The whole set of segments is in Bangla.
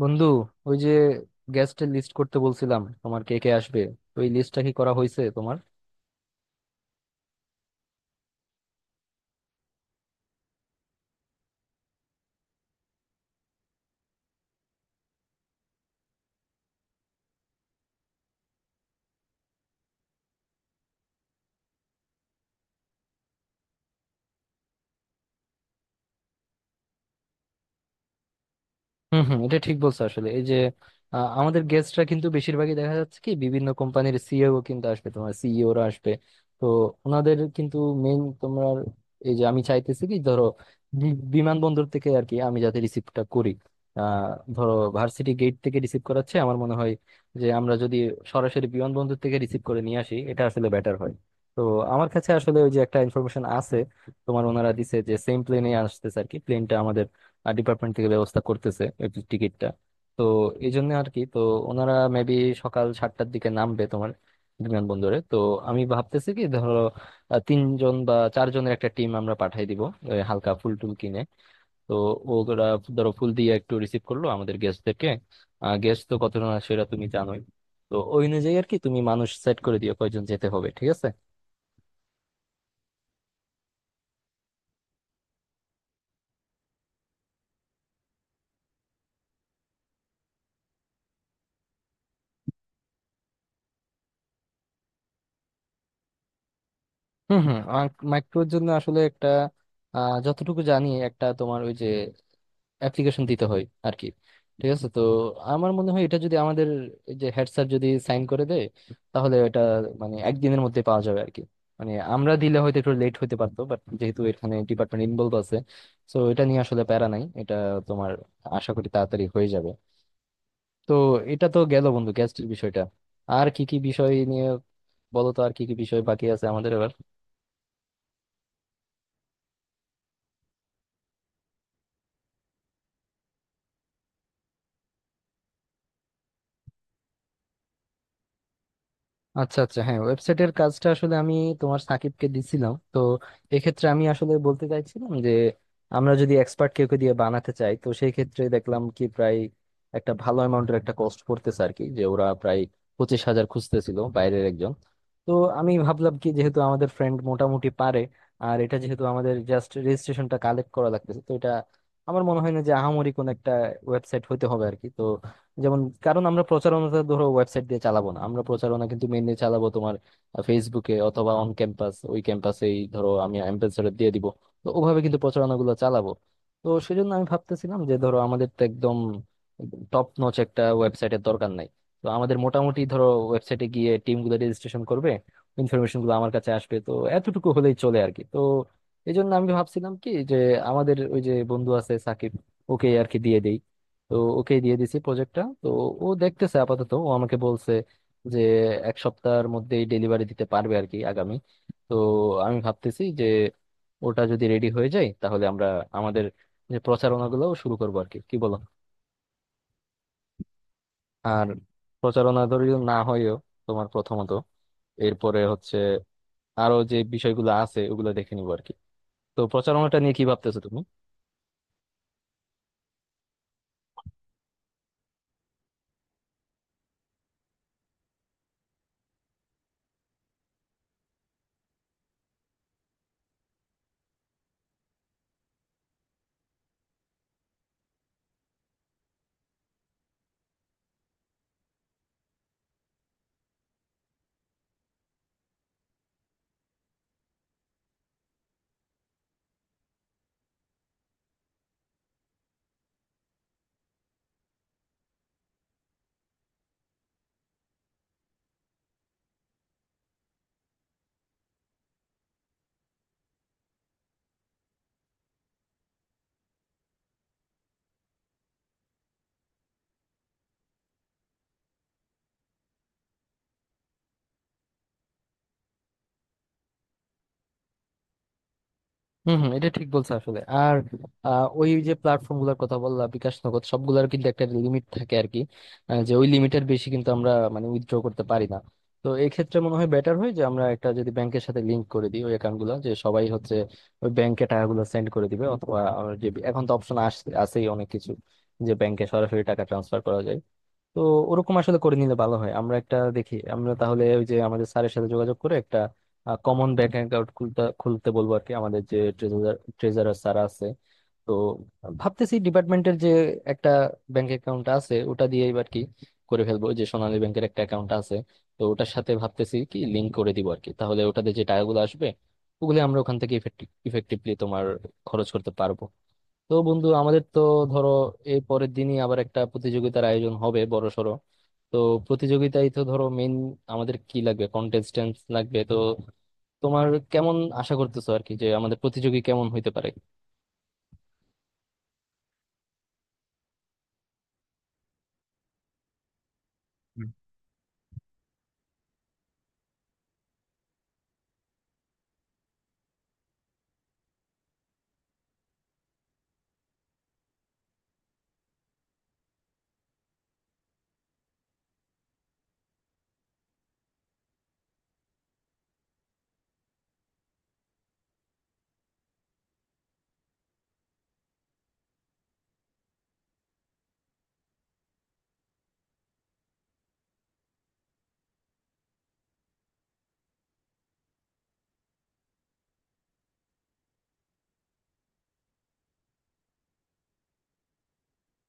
বন্ধু, ওই যে গেস্টের লিস্ট করতে বলছিলাম, তোমার কে কে আসবে ওই লিস্টটা কি করা হয়েছে তোমার? হম হম এটা ঠিক বলছো। আসলে এই যে আমাদের গেস্টরা কিন্তু বেশিরভাগই দেখা যাচ্ছে কি বিভিন্ন কোম্পানির সিইও কিন্তু আসবে, তোমার সিইওরা আসবে। তো ওনাদের কিন্তু মেইন তোমার এই যে আমি চাইতেছি কি, ধরো বিমানবন্দর থেকে আর কি আমি যাতে রিসিভটা করি। আহ ধরো ভার্সিটি গেট থেকে রিসিভ করাচ্ছে, আমার মনে হয় যে আমরা যদি সরাসরি বিমানবন্দর থেকে রিসিভ করে নিয়ে আসি, এটা আসলে বেটার হয়। তো আমার কাছে আসলে ওই যে একটা ইনফরমেশন আছে, তোমার ওনারা দিছে যে সেম প্লেনে আসতেছে আর কি। প্লেনটা ডিপার্টমেন্ট থেকে ব্যবস্থা করতেছে, টিকিটটা। তো এই জন্য আর কি, তো ওনারা মেবি সকাল 7টার দিকে নামবে তোমার বিমানবন্দরে। তো আমি ভাবতেছি কি, ধরো 3 জন বা 4 জনের একটা টিম আমরা পাঠাই দিব ওই হালকা ফুল টুল কিনে। তো ওরা ধরো ফুল দিয়ে একটু রিসিভ করলো আমাদের গেস্টদেরকে। গেস্ট তো কতজন আসে সেটা তুমি জানোই। তো ওই অনুযায়ী আর কি তুমি মানুষ সেট করে দিও কয়জন যেতে হবে, ঠিক আছে? হুম হুম মাইক্রোর জন্য আসলে একটা যতটুকু জানি একটা তোমার ওই যে অ্যাপ্লিকেশন দিতে হয় আর কি। ঠিক আছে, তো আমার মনে হয় এটা যদি আমাদের এই যে হেড স্যার যদি সাইন করে দেয়, তাহলে এটা মানে একদিনের মধ্যে পাওয়া যাবে আর কি। মানে আমরা দিলে হয়তো একটু লেট হতে পারতো, বাট যেহেতু এখানে ডিপার্টমেন্ট ইনভলভ আছে, তো এটা নিয়ে আসলে প্যারা নাই। এটা তোমার আশা করি তাড়াতাড়ি হয়ে যাবে। তো এটা তো গেল বন্ধু গ্যাস্ট্রিক বিষয়টা। আর কি কি বিষয় নিয়ে বলো তো, আর কি কি বিষয় বাকি আছে আমাদের এবার? আচ্ছা আচ্ছা, হ্যাঁ, ওয়েবসাইটের কাজটা আসলে আমি তোমার সাকিবকে দিছিলাম। তো এক্ষেত্রে আমি আসলে বলতে চাইছিলাম যে আমরা যদি এক্সপার্ট কেউকে দিয়ে বানাতে চাই, তো সেই ক্ষেত্রে দেখলাম কি প্রায় একটা ভালো অ্যামাউন্টের একটা কস্ট পড়তেছে আর কি। যে ওরা প্রায় 25,000 খুঁজতেছিল বাইরের একজন। তো আমি ভাবলাম কি, যেহেতু আমাদের ফ্রেন্ড মোটামুটি পারে, আর এটা যেহেতু আমাদের জাস্ট রেজিস্ট্রেশনটা কালেক্ট করা লাগতেছে, তো এটা আমার মনে হয় না যে আহামরি কোন একটা ওয়েবসাইট হতে হবে আর কি। তো যেমন, কারণ আমরা প্রচারণাটা ধরো ওয়েবসাইট দিয়ে চালাবো না, আমরা প্রচারণা কিন্তু মেনলি চালাবো তোমার ফেসবুকে অথবা অন ক্যাম্পাস, ওই ক্যাম্পাসেই ধরো আমি অ্যাম্বাসেডর দিয়ে দিব। তো ওভাবে কিন্তু প্রচারণাগুলো চালাবো। তো সেজন্য আমি ভাবতেছিলাম যে ধরো আমাদের তো একদম টপ নচ একটা ওয়েবসাইটের দরকার নাই। তো আমাদের মোটামুটি ধরো ওয়েবসাইটে গিয়ে টিমগুলো রেজিস্ট্রেশন করবে, ইনফরমেশন গুলো আমার কাছে আসবে, তো এতটুকু হলেই চলে আর কি। তো এই জন্য আমি ভাবছিলাম কি যে আমাদের ওই যে বন্ধু আছে সাকিব, ওকে আর কি দিয়ে দেই। তো ওকে দিয়ে দিছি প্রজেক্টটা। তো ও দেখতেছে আপাতত, ও আমাকে বলছে যে এক সপ্তাহের মধ্যেই ডেলিভারি দিতে পারবে আর কি আগামী। তো আমি ভাবতেছি যে ওটা যদি রেডি হয়ে যায়, তাহলে আমরা আমাদের যে প্রচারণা গুলো শুরু করবো আর কি, কি বলো? আর প্রচারণা ধরি না হয়েও তোমার প্রথমত, এরপরে হচ্ছে আরো যে বিষয়গুলো আছে ওগুলো দেখে নিবো আর কি। তো প্রচারণাটা নিয়ে কি ভাবতেছো তুমি? হম হম এটা ঠিক বলছো। আসলে আর ওই যে প্ল্যাটফর্ম গুলোর কথা বললাম, বিকাশ নগদ সবগুলোর কিন্তু একটা লিমিট থাকে আর কি। যে ওই লিমিটের বেশি কিন্তু আমরা মানে উইথড্র করতে পারি না। তো এই ক্ষেত্রে মনে হয় বেটার হয় যে আমরা একটা যদি ব্যাংকের সাথে লিংক করে দিই ওই অ্যাকাউন্ট গুলো, যে সবাই হচ্ছে ওই ব্যাংকে টাকাগুলো সেন্ড করে দিবে, অথবা আমার যে এখন তো অপশন আসছে, আছেই অনেক কিছু, যে ব্যাংকে সরাসরি টাকা ট্রান্সফার করা যায়। তো ওরকম আসলে করে নিলে ভালো হয়। আমরা একটা দেখি, আমরা তাহলে ওই যে আমাদের স্যারের সাথে যোগাযোগ করে একটা কমন ব্যাংক অ্যাকাউন্ট খুলতে খুলতে বলবো আর কি, আমাদের যে ট্রেজারার ট্রেজারার স্যার আছে। তো ভাবতেছি ডিপার্টমেন্টের যে একটা ব্যাংক অ্যাকাউন্ট আছে, ওটা দিয়ে এবার কি করে ফেলবো। ওই যে সোনালী ব্যাংকের একটা অ্যাকাউন্ট আছে, তো ওটার সাথে ভাবতেছি কি লিংক করে দিব আর কি। তাহলে ওটাতে যে টাকাগুলো আসবে, ওগুলো আমরা ওখান থেকে ইফেক্টিভলি তোমার খরচ করতে পারবো। তো বন্ধু, আমাদের তো ধরো এই পরের দিনই আবার একটা প্রতিযোগিতার আয়োজন হবে বড়সড়। তো প্রতিযোগিতায় তো ধরো মেইন আমাদের কি লাগবে, কন্টেস্টেন্ট লাগবে। তো তোমার কেমন আশা করতেছো আর কি, যে আমাদের প্রতিযোগী কেমন হইতে পারে?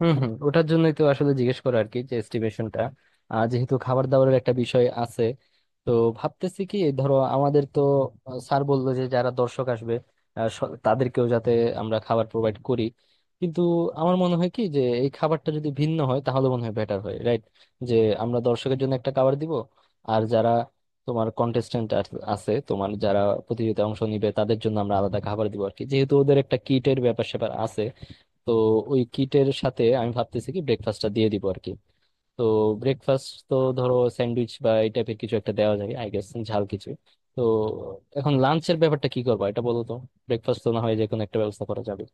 হুম হুম ওটার জন্যই তো আসলে জিজ্ঞেস করা আর কি, যে এস্টিমেশনটা, যেহেতু খাবার দাবারের একটা বিষয় আছে। তো ভাবতেছি কি ধরো আমাদেরকেও স্যার বললো যে যারা দর্শক আসবে তাদেরকেও যাতে আমরা খাবার প্রোভাইড করি। কিন্তু আমার মনে হয় কি যে এই খাবারটা যদি ভিন্ন হয়, তাহলে মনে হয় বেটার হয়, রাইট? যে আমরা দর্শকের জন্য একটা খাবার দিব, আর যারা তোমার কন্টেস্টেন্ট আছে, তোমার যারা প্রতিযোগিতায় অংশ নিবে, তাদের জন্য আমরা আলাদা খাবার দিব আর কি, যেহেতু ওদের একটা কিটের ব্যাপার স্যাপার আছে। তো ওই কিটের সাথে আমি ভাবতেছি কি ব্রেকফাস্টটা দিয়ে দিব আর কি। তো ব্রেকফাস্ট তো ধরো স্যান্ডউইচ বা এই টাইপের কিছু একটা দেওয়া যায় আই গেস, ঝাল কিছু। তো এখন লাঞ্চের ব্যাপারটা কি করবো এটা বলো তো। ব্রেকফাস্ট তো না হয় যে কোনো একটা ব্যবস্থা করা যাবে।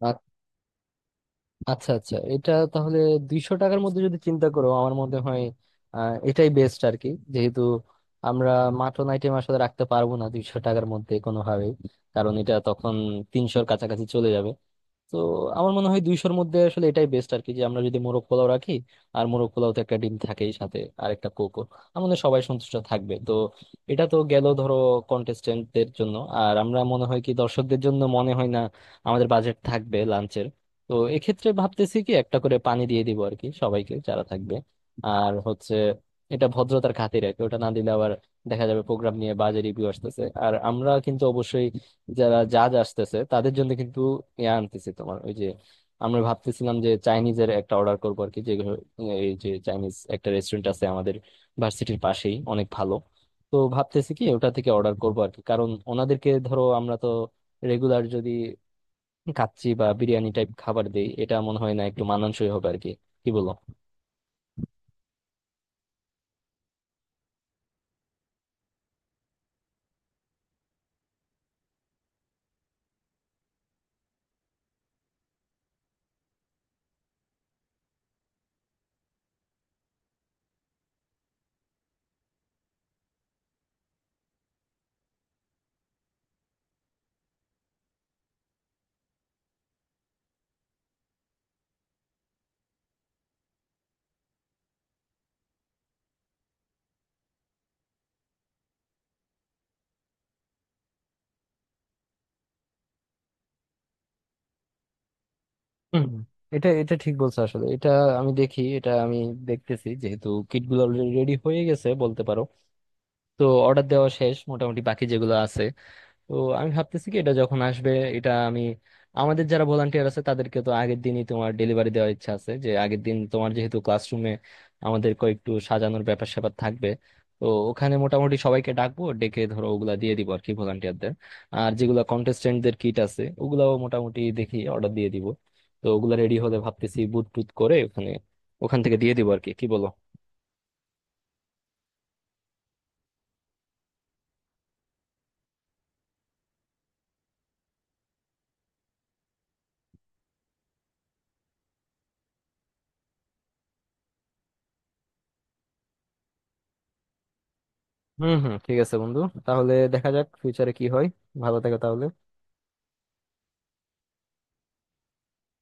আ- আচ্ছা আচ্ছা, এটা তাহলে 200 টাকার মধ্যে যদি চিন্তা করো, আমার মনে হয় এটাই বেস্ট আর কি। যেহেতু আমরা মাটন আইটেম আসলে রাখতে পারবো না 200 টাকার মধ্যে কোনোভাবেই, কারণ এটা তখন 300-র কাছাকাছি চলে যাবে। তো আমার মনে হয় 200-র মধ্যে আসলে এটাই বেস্ট আর কি, যে আমরা যদি মোরগ পোলাও রাখি। আর মোরগ পোলাওতে একটা ডিম থাকেই সাথে, আর একটা কোকো আমাদের সবাই সন্তুষ্ট থাকবে। তো এটা তো গেল ধরো কন্টেস্টেন্টদের জন্য। আর আমরা মনে হয় কি দর্শকদের জন্য মনে হয় না আমাদের বাজেট থাকবে লাঞ্চের। তো এক্ষেত্রে ভাবতেছি কি একটা করে পানি দিয়ে দিব আর কি সবাইকে যারা থাকবে। আর হচ্ছে এটা ভদ্রতার খাতিরে আর কি, ওটা না দিলে আবার দেখা যাবে প্রোগ্রাম নিয়ে বাজে রিভিউ আসতেছে। আর আমরা কিন্তু অবশ্যই যারা জাজ আসতেছে তাদের জন্য কিন্তু ইয়া আনতেছি, তোমার ওই যে আমরা ভাবতেছিলাম যে চাইনিজের একটা অর্ডার করবো আর কি। যে এই যে চাইনিজ একটা রেস্টুরেন্ট আছে আমাদের ভার্সিটির পাশেই, অনেক ভালো। তো ভাবতেছি কি ওটা থেকে অর্ডার করবো আর কি, কারণ ওনাদেরকে ধরো আমরা তো রেগুলার যদি কাচ্চি বা বিরিয়ানি টাইপ খাবার দেই, এটা মনে হয় না একটু মানানসই হবে আর কি। কি বলো? হুম হুম। এটা এটা ঠিক বলছো। আসলে এটা আমি দেখি, এটা আমি দেখতেছি। যেহেতু কিট গুলো রেডি হয়ে গেছে বলতে পারো, তো অর্ডার দেওয়া শেষ মোটামুটি, বাকি যেগুলো আছে। তো আমি ভাবতেছি কি এটা যখন আসবে, এটা আমি আমাদের যারা ভলান্টিয়ার আছে তাদেরকে তো আগের দিনই তোমার ডেলিভারি দেওয়ার ইচ্ছা আছে, যে আগের দিন তোমার যেহেতু ক্লাসরুমে আমাদের কয়েকটু সাজানোর ব্যাপার স্যাপার থাকবে। তো ওখানে মোটামুটি সবাইকে ডাকবো, ডেকে ধরো ওগুলা দিয়ে দিব আর কি ভলান্টিয়ারদের। আর যেগুলো কন্টেস্টেন্টদের কিট আছে, ওগুলাও মোটামুটি দেখি অর্ডার দিয়ে দিব। তো ওগুলা রেডি হলে ভাবতেছি বুট টুট করে ওখানে ওখান থেকে দিয়ে দিব আর কি, কি বলো? হুম হুম ঠিক আছে বন্ধু, তাহলে দেখা যাক ফিউচারে কি হয়। ভালো থেকো তাহলে।